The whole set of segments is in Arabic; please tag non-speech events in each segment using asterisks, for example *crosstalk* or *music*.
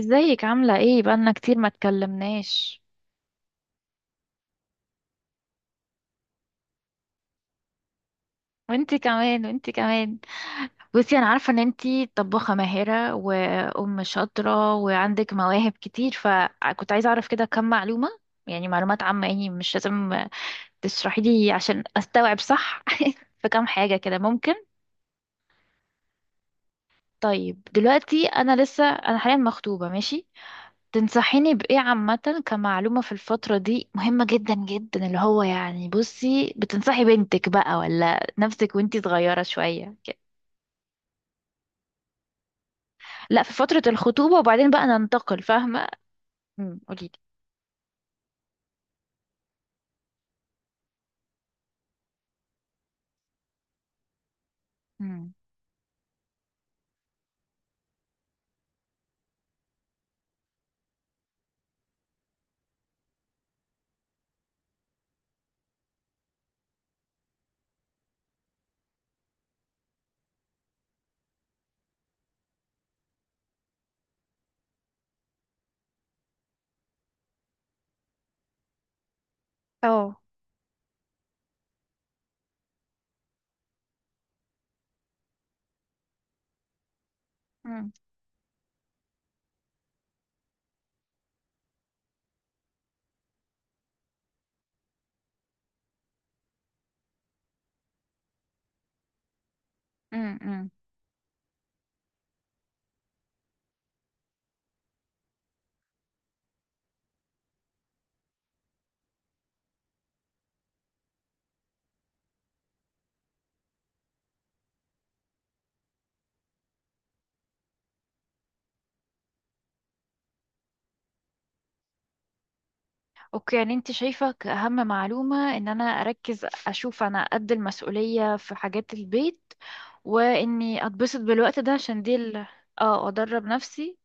ازيك؟ عاملة ايه؟ بقالنا كتير ما اتكلمناش. وانتي كمان، وانتي كمان. بصي، انا عارفة ان انتي طباخة ماهرة وام شاطرة وعندك مواهب كتير، فكنت عايزة اعرف كده كم معلومة، يعني معلومات عامة، يعني مش لازم تشرحي لي عشان استوعب صح. *laughs* في كام حاجة كده ممكن. طيب، دلوقتي انا لسه، انا حاليا مخطوبة، ماشي. تنصحيني بإيه عامة كمعلومة في الفترة دي مهمة جدا جدا؟ اللي هو يعني، بصي، بتنصحي بنتك بقى ولا نفسك وانتي صغيرة شوية كده. لا، في فترة الخطوبة وبعدين بقى ننتقل، فاهمة. قوليلي. امم اه. امم أمم. اوكي، يعني انت شايفة كأهم معلومة ان انا اركز اشوف انا قد المسؤولية في حاجات البيت، واني اتبسط بالوقت ده عشان دي اه، ادرب نفسي.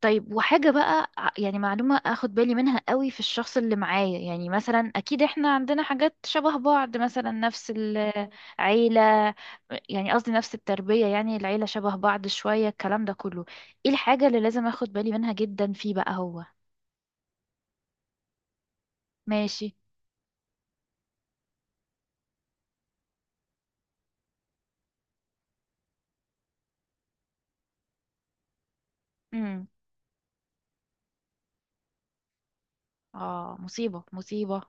طيب، وحاجة بقى يعني معلومة اخد بالي منها قوي في الشخص اللي معايا، يعني مثلا اكيد احنا عندنا حاجات شبه بعض، مثلا نفس العيلة، يعني قصدي نفس التربية، يعني العيلة شبه بعض شوية، الكلام ده كله، ايه الحاجة اللي لازم اخد بالي منها جدا فيه بقى هو؟ ماشي. امم اه، مصيبة مصيبة.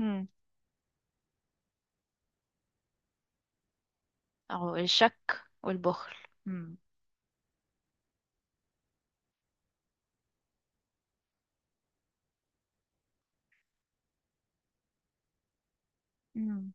امم اه، الشك والبخل. امم امم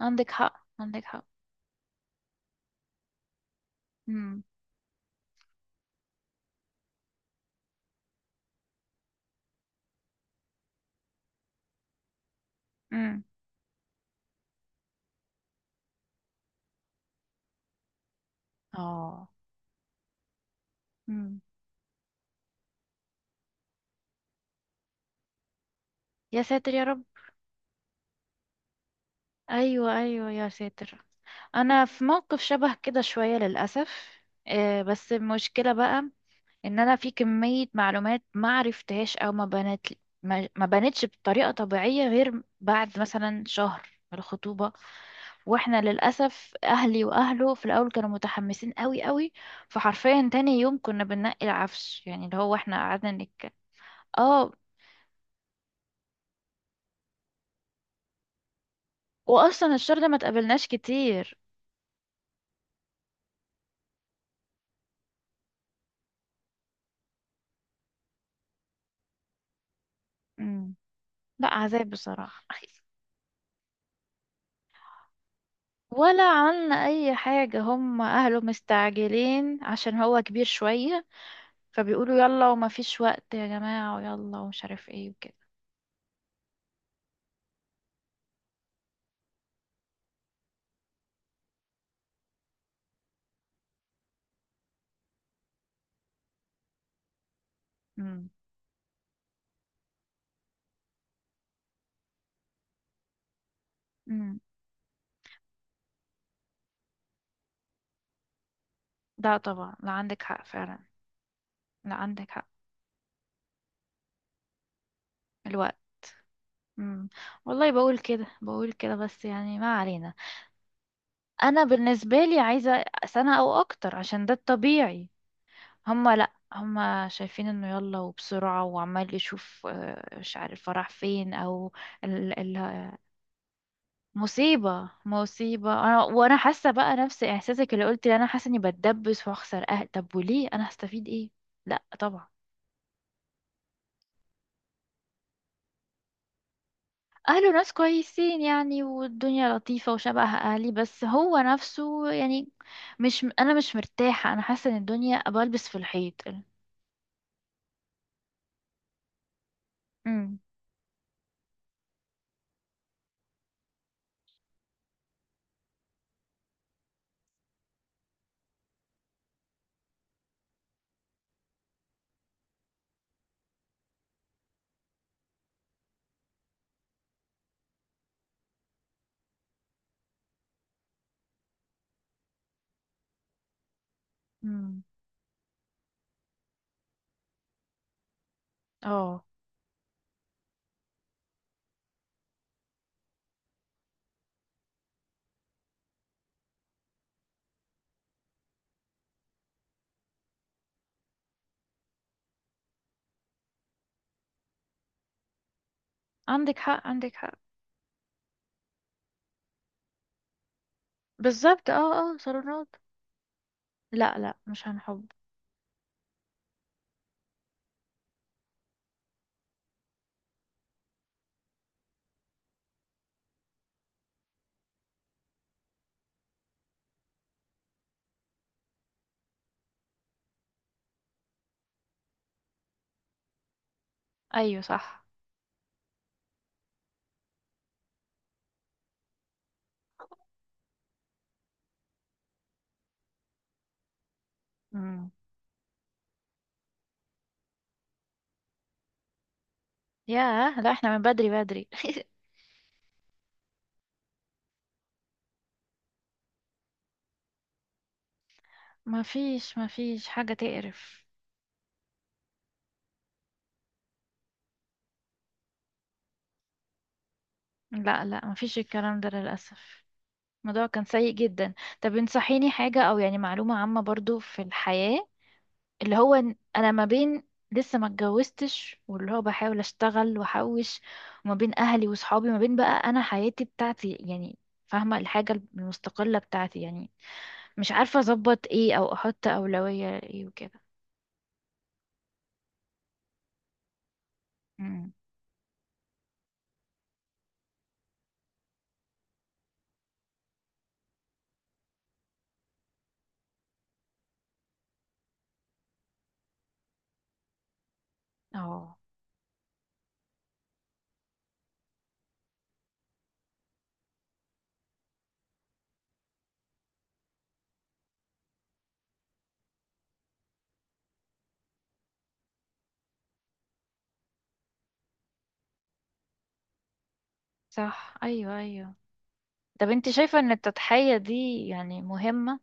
عندك حق، عندك حق. امم امم اه. امم يا ساتر يا رب. ايوه ايوه، يا ساتر. انا في موقف شبه كده شويه للاسف. آه، بس المشكله بقى ان انا في كميه معلومات ما عرفتهاش، او ما بنت، ما بنتش بطريقه طبيعيه غير بعد مثلا شهر من الخطوبه. واحنا للاسف اهلي واهله في الاول كانوا متحمسين قوي قوي، فحرفيا تاني يوم كنا بننقي العفش، يعني اللي هو احنا قعدنا نك اه. واصلا الشهر ده ما اتقابلناش كتير. مم. لا عذاب بصراحه. *laughs* ولا عملنا اي حاجة، هم اهله مستعجلين عشان هو كبير شوية، فبيقولوا يلا وما فيش وقت يا جماعة، ويلا ومش عارف ايه وكده. امم امم ده طبعا، لا عندك حق فعلا. لا عندك حق. الوقت. امم والله بقول كده، بقول كده، بس يعني ما علينا. انا بالنسبة لي عايزة سنة او اكتر عشان ده الطبيعي. هم، لا هم شايفين انه يلا وبسرعة وعمال يشوف. آه، مش عارف راح فين او. مصيبة مصيبة، أنا وأنا حاسة بقى نفس إحساسك اللي قلت لي، أنا حاسة إني بتدبس وأخسر أهل، طب وليه؟ أنا هستفيد إيه؟ لأ طبعا. أهله ناس كويسين يعني، والدنيا لطيفة وشبه أهلي، بس هو نفسه يعني، مش مرتاحة، أنا حاسة إن الدنيا بلبس في الحيط. امم امم اه، عندك حق، عندك حق. بالظبط، اه اه، صالونات. لأ لأ، مش هنحب. أيوه صح. امم ياه، لأ احنا من بدري بدري. *laughs* ما فيش، ما فيش حاجة تقرف. لا لا، ما فيش الكلام ده للأسف. الموضوع كان سيء جدا. طب انصحيني حاجة، أو يعني معلومة عامة برضو في الحياة، اللي هو إن أنا ما بين، لسه ما اتجوزتش واللي هو بحاول أشتغل وأحوش، وما بين أهلي وصحابي، ما بين بقى أنا حياتي بتاعتي يعني، فاهمة، الحاجة المستقلة بتاعتي يعني، مش عارفة أظبط إيه أو أحط أولوية إيه وكده. أمم. اه صح، أيوه أيوه. طب انت شايفة ان التضحية دي يعني مهمة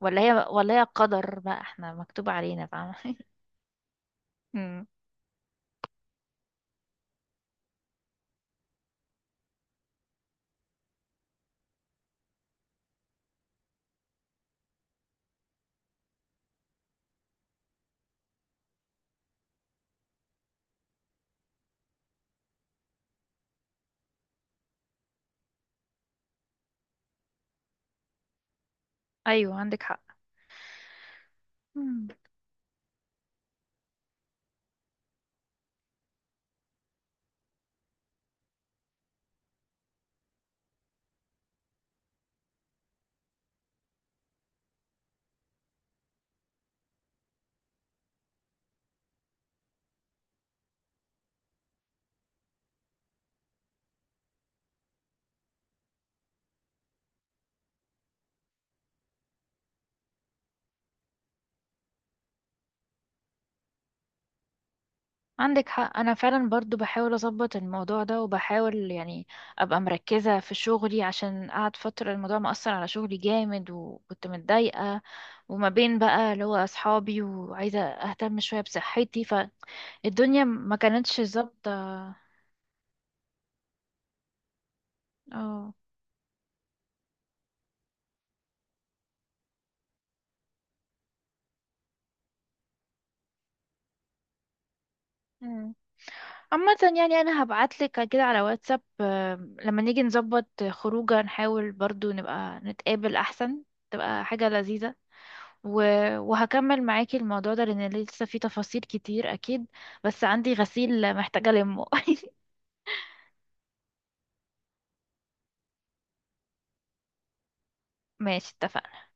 ولا هي، ولا هي قدر بقى احنا مكتوب علينا، فاهمة؟ *laughs* مم. ايوه عندك حق. مم. عندك حق، انا فعلا برضو بحاول اظبط الموضوع ده وبحاول يعني ابقى مركزة في شغلي، عشان قعد فترة الموضوع مأثر على شغلي جامد وكنت متضايقة. وما بين بقى اللي هو اصحابي وعايزة اهتم شوية بصحتي، فالدنيا ما كانتش ظابطة. اه عامة، يعني انا هبعتلك كده على واتساب، آم، لما نيجي نظبط خروجه نحاول برضو نبقى نتقابل احسن. تبقى حاجة لذيذة. و... وهكمل معاكي الموضوع ده لان لسه في تفاصيل كتير اكيد، بس عندي غسيل محتاجة المه. *laughs* ماشي، اتفقنا.